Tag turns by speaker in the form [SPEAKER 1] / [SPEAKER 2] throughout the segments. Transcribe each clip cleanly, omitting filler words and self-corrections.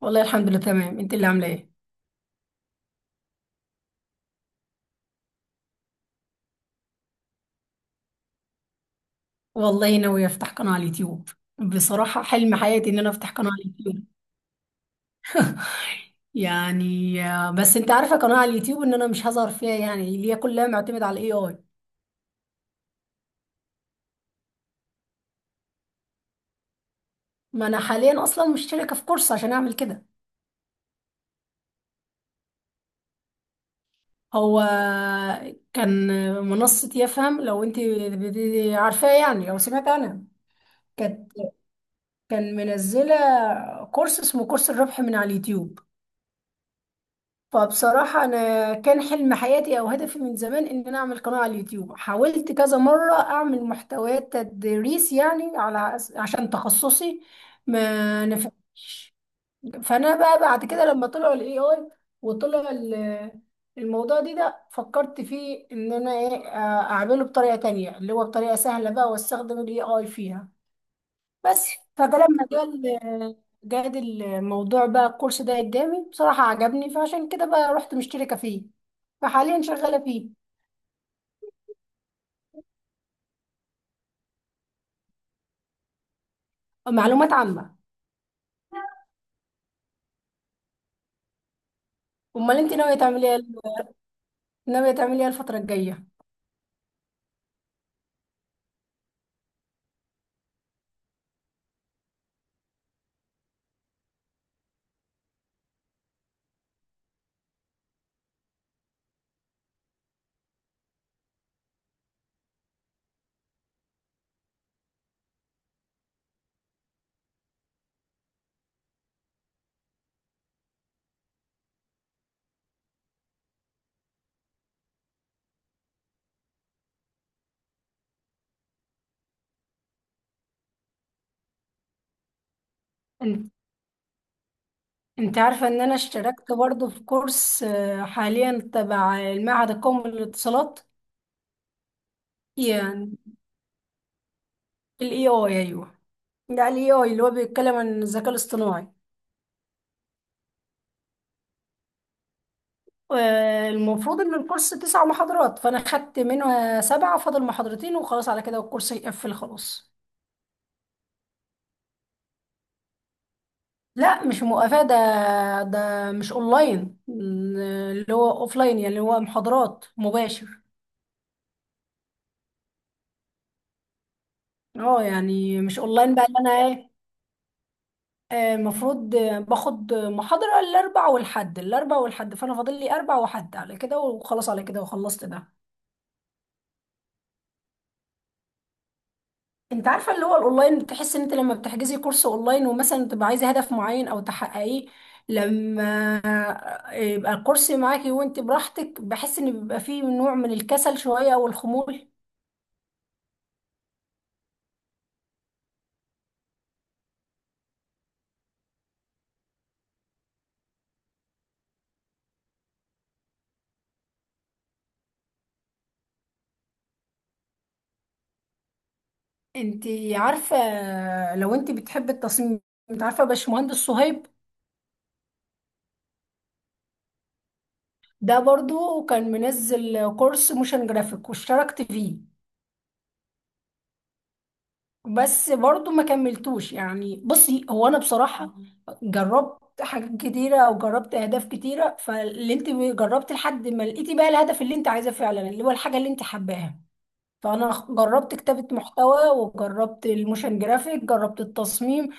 [SPEAKER 1] والله الحمد لله تمام. انت اللي عامله ايه؟ والله ناوي افتح قناه على اليوتيوب. بصراحه حلم حياتي ان انا افتح قناه على اليوتيوب. يعني بس انت عارفه قناه على اليوتيوب ان انا مش هظهر فيها، يعني اللي هي كلها معتمده على الاي اي. ما انا حاليا اصلا مشتركه في كورس عشان اعمل كده. هو كان منصه يفهم، لو انت عارفاه يعني او سمعت عنها. كانت كان منزله كورس اسمه كورس الربح من على اليوتيوب. فبصراحة أنا كان حلم حياتي أو هدفي من زمان إن أنا أعمل قناة على اليوتيوب. حاولت كذا مرة أعمل محتويات تدريس يعني عشان تخصصي، ما نفعش. فأنا بقى بعد كده لما طلعوا ال AI وطلع ال- الموضوع ده فكرت فيه إن أنا إيه آه، أعمله بطريقة تانية، اللي هو بطريقة سهلة بقى وأستخدم ال AI فيها بس. فده لما جال جاد الموضوع بقى، الكورس ده قدامي بصراحة عجبني، فعشان كده بقى رحت مشتركة فيه، فحاليا شغالة فيه. معلومات عامة. امال انت ناوية تعملي ايه؟ ناوية تعملي ايه الفترة الجاية؟ انت انت عارفة ان انا اشتركت برضه في كورس حاليا تبع المعهد القومي للاتصالات. يعني الاي اي، ايوه. ده الاي اي اللي هو بيتكلم عن الذكاء الاصطناعي. المفروض ان الكورس تسع محاضرات، فانا خدت منها سبعة، فاضل محاضرتين وخلاص على كده، والكورس يقفل خلاص. لا مش مقافاة ده. ده مش اونلاين، اللي هو اوفلاين، يعني اللي هو محاضرات مباشر. اه يعني مش اونلاين بقى اللي انا ايه. المفروض باخد محاضرة الاربع والحد، فانا فاضل لي اربع وحد على كده وخلاص على كده وخلصت ده. انت عارفه اللي هو الاونلاين، بتحس ان انت لما بتحجزي كورس اونلاين ومثلا تبقى عايزه هدف معين او تحققيه، لما يبقى الكورس معاكي وانت براحتك، بحس ان بيبقى فيه نوع من الكسل شويه او الخمول. انت عارفه، لو انت بتحبي التصميم، انت عارفه باشمهندس صهيب؟ ده برضو كان منزل كورس موشن جرافيك واشتركت فيه، بس برضو ما كملتوش. يعني بصي، هو انا بصراحة جربت حاجات كتيرة او جربت اهداف كتيرة، فاللي انت جربت لحد ما لقيتي بقى الهدف اللي انت عايزاه فعلا، اللي هو الحاجة اللي انت حباها. فانا جربت كتابة محتوى، وجربت الموشن جرافيك، جربت التصميم،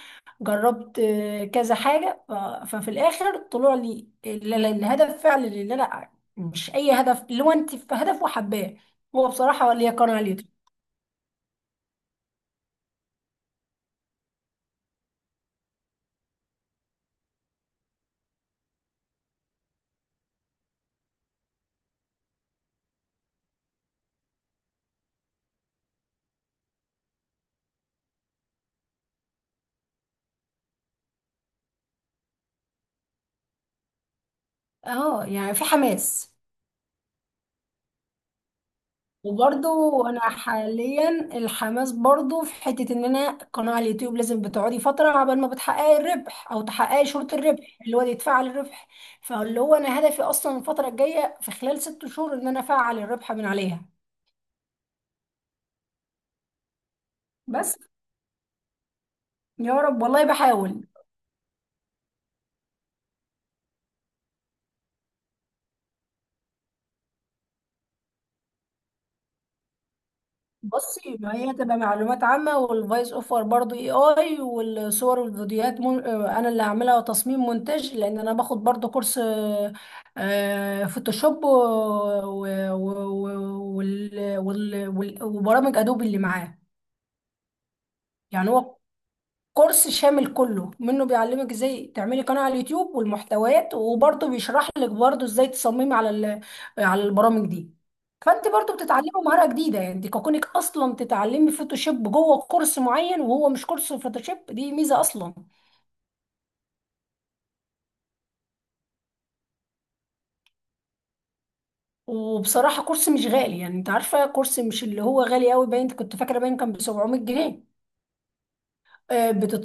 [SPEAKER 1] جربت كذا حاجة ف- ففي الاخر طلع لي الهدف فعلا اللي انا، مش اي هدف، اللي هو انت في هدف وحباه هو بصراحة ولا يكون عليه. اه يعني في حماس. وبرضو انا حاليا الحماس برضو في حتة ان انا قناة على اليوتيوب لازم بتقعدي فترة عبال ما بتحققي الربح او تحققي شروط الربح اللي هو يتفعل الربح. فاللي هو انا هدفي اصلا الفترة الجاية في خلال 6 شهور ان انا افعل الربح من عليها. بس يا رب، والله بحاول. بصي، ما هي تبقى معلومات عامة، والفويس اوفر برضو اي اي، والصور والفيديوهات من... آه، انا اللي هعملها وتصميم مونتاج، لان انا باخد برضو كورس فوتوشوب و... و... و... وال... وال... وال... وبرامج ادوبي اللي معاه. يعني هو كورس شامل كله منه، بيعلمك ازاي تعملي قناة على اليوتيوب والمحتويات، وبرضه بيشرح لك برضه ازاي تصممي على البرامج دي. فانت برضه بتتعلمي مهارة جديدة، يعني دي كونك اصلا تتعلمي فوتوشوب جوه كورس معين وهو مش كورس فوتوشوب، دي ميزة اصلا. وبصراحة كورس مش غالي، يعني انت عارفة كورس مش اللي هو غالي قوي، باين كنت فاكرة باين كان ب 700 جنيه.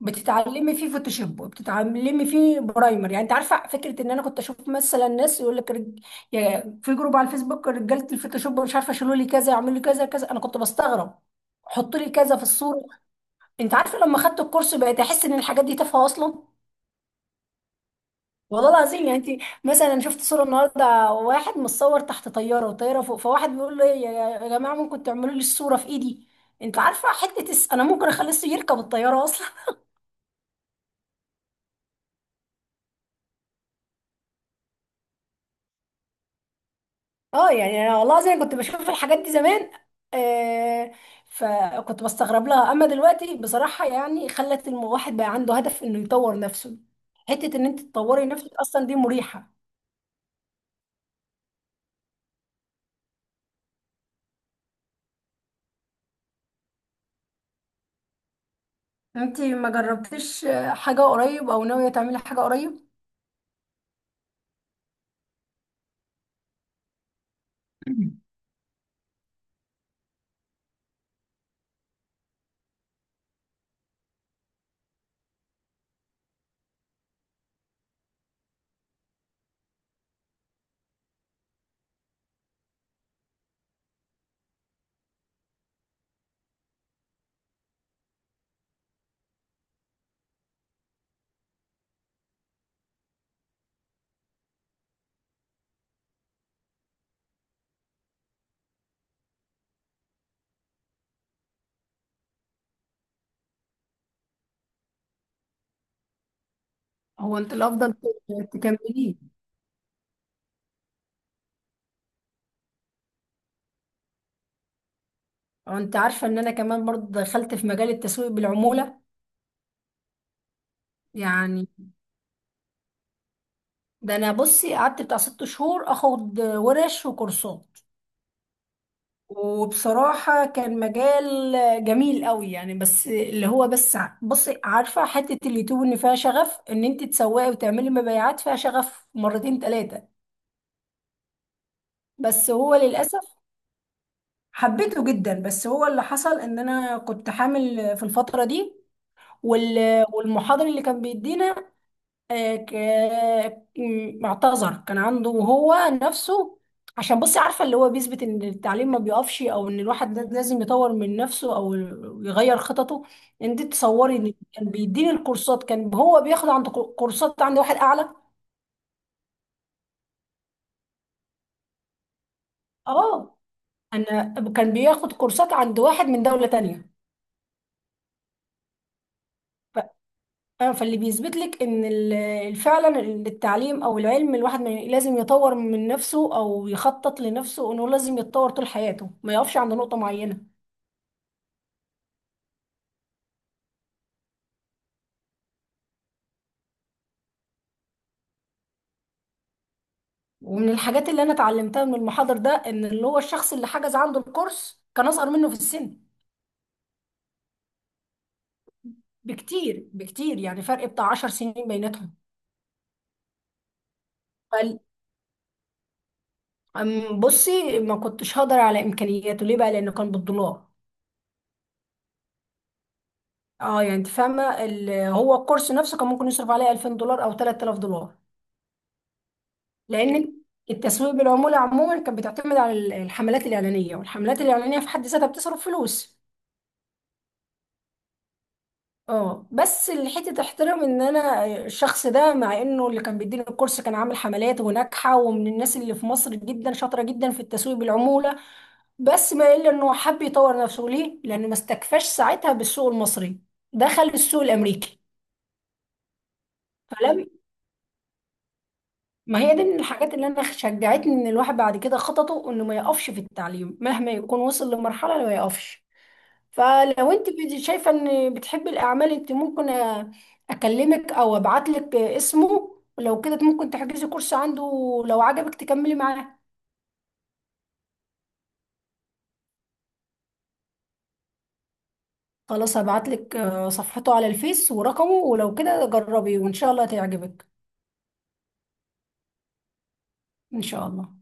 [SPEAKER 1] بتتعلمي فيه فوتوشوب، وبتتعلمي فيه برايمر. يعني انت عارفه فكره ان انا كنت اشوف مثلا ناس يقول لك في جروب على الفيسبوك رجاله الفوتوشوب مش عارفه، شيلوا لي كذا، يعملوا لي كذا كذا. انا كنت بستغرب. حطوا لي كذا في الصوره. انت عارفه، لما خدت الكورس بقيت احس ان الحاجات دي تافهه اصلا. والله العظيم. يعني انت مثلا، أنا شفت صوره النهارده واحد متصور تحت طياره والطياره فوق، فواحد بيقول له إيه، يا يا جماعه ممكن تعملوا لي الصوره في ايدي. انت عارفه انا ممكن يركب الطياره. اه يعني انا والله زي كنت بشوف الحاجات دي زمان، آه فكنت بستغرب لها. اما دلوقتي بصراحة، يعني خلت الواحد بقى عنده هدف انه يطور نفسه. حتة ان انت تطوري نفسك اصلا دي مريحة. انت ما جربتيش حاجة قريب او ناوية تعملي حاجة قريب؟ هو انت الافضل تكمليه. هو انت عارفة ان انا كمان برضه دخلت في مجال التسويق بالعمولة. يعني ده انا بصي قعدت بتاع 6 شهور اخد ورش وكورسات. وبصراحة كان مجال جميل قوي. يعني بس اللي هو بصي عارفة، حتة اليوتيوب ان فيها شغف ان انت تسوقي وتعملي مبيعات فيها شغف مرتين تلاتة. بس هو للأسف، حبيته جدا، بس هو اللي حصل ان انا كنت حامل في الفترة دي. وال- والمحاضر اللي كان بيدينا اعتذر، كان عنده هو نفسه. عشان بصي عارفة، اللي هو بيثبت ان التعليم ما بيقفش، او ان الواحد لازم يطور من نفسه او يغير خططه. انت تصوري ان كان بيديني الكورسات كان هو بياخد عند كورسات عند واحد اعلى. اه. انا كان بياخد كورسات عند واحد من دولة تانية. اه، فاللي بيثبت لك ان فعلا التعليم او العلم، الواحد ما ي- لازم يطور من نفسه او يخطط لنفسه انه لازم يتطور طول حياته، ما يقفش عند نقطة معينة. ومن الحاجات اللي انا اتعلمتها من المحاضر ده، ان اللي هو الشخص اللي حجز عنده الكورس كان اصغر منه في السن بكتير بكتير، يعني فرق بتاع 10 سنين بيناتهم. فال- أم، بصي ما كنتش هقدر على امكانياته، ليه بقى؟ لانه كان بالدولار. اه يعني انت فاهمه هو الكورس نفسه كان ممكن يصرف عليه 2000 دولار او 3000 دولار. لان التسويق بالعموله عموما كانت بتعتمد على الحملات الاعلانيه، والحملات الاعلانيه في حد ذاتها بتصرف فلوس. اه بس الحته تحترم ان انا الشخص ده، مع انه اللي كان بيديني الكورس كان عامل حملات وناجحه ومن الناس اللي في مصر جدا شاطره جدا في التسويق بالعموله، بس ما الا انه حب يطور نفسه. ليه؟ لانه ما استكفاش ساعتها بالسوق المصري، دخل السوق الامريكي. فلم. ما هي دي من الحاجات اللي انا شجعتني ان الواحد بعد كده خططه انه ما يقفش في التعليم، مهما يكون وصل لمرحله ما يقفش. فلو انت شايفه ان بتحبي الاعمال، انت ممكن اكلمك او ابعت لك اسمه، ولو كده ممكن تحجزي كورس عنده، لو عجبك تكملي معاه. خلاص هبعت لك صفحته على الفيس ورقمه، ولو كده جربي وان شاء الله تعجبك. ان شاء الله.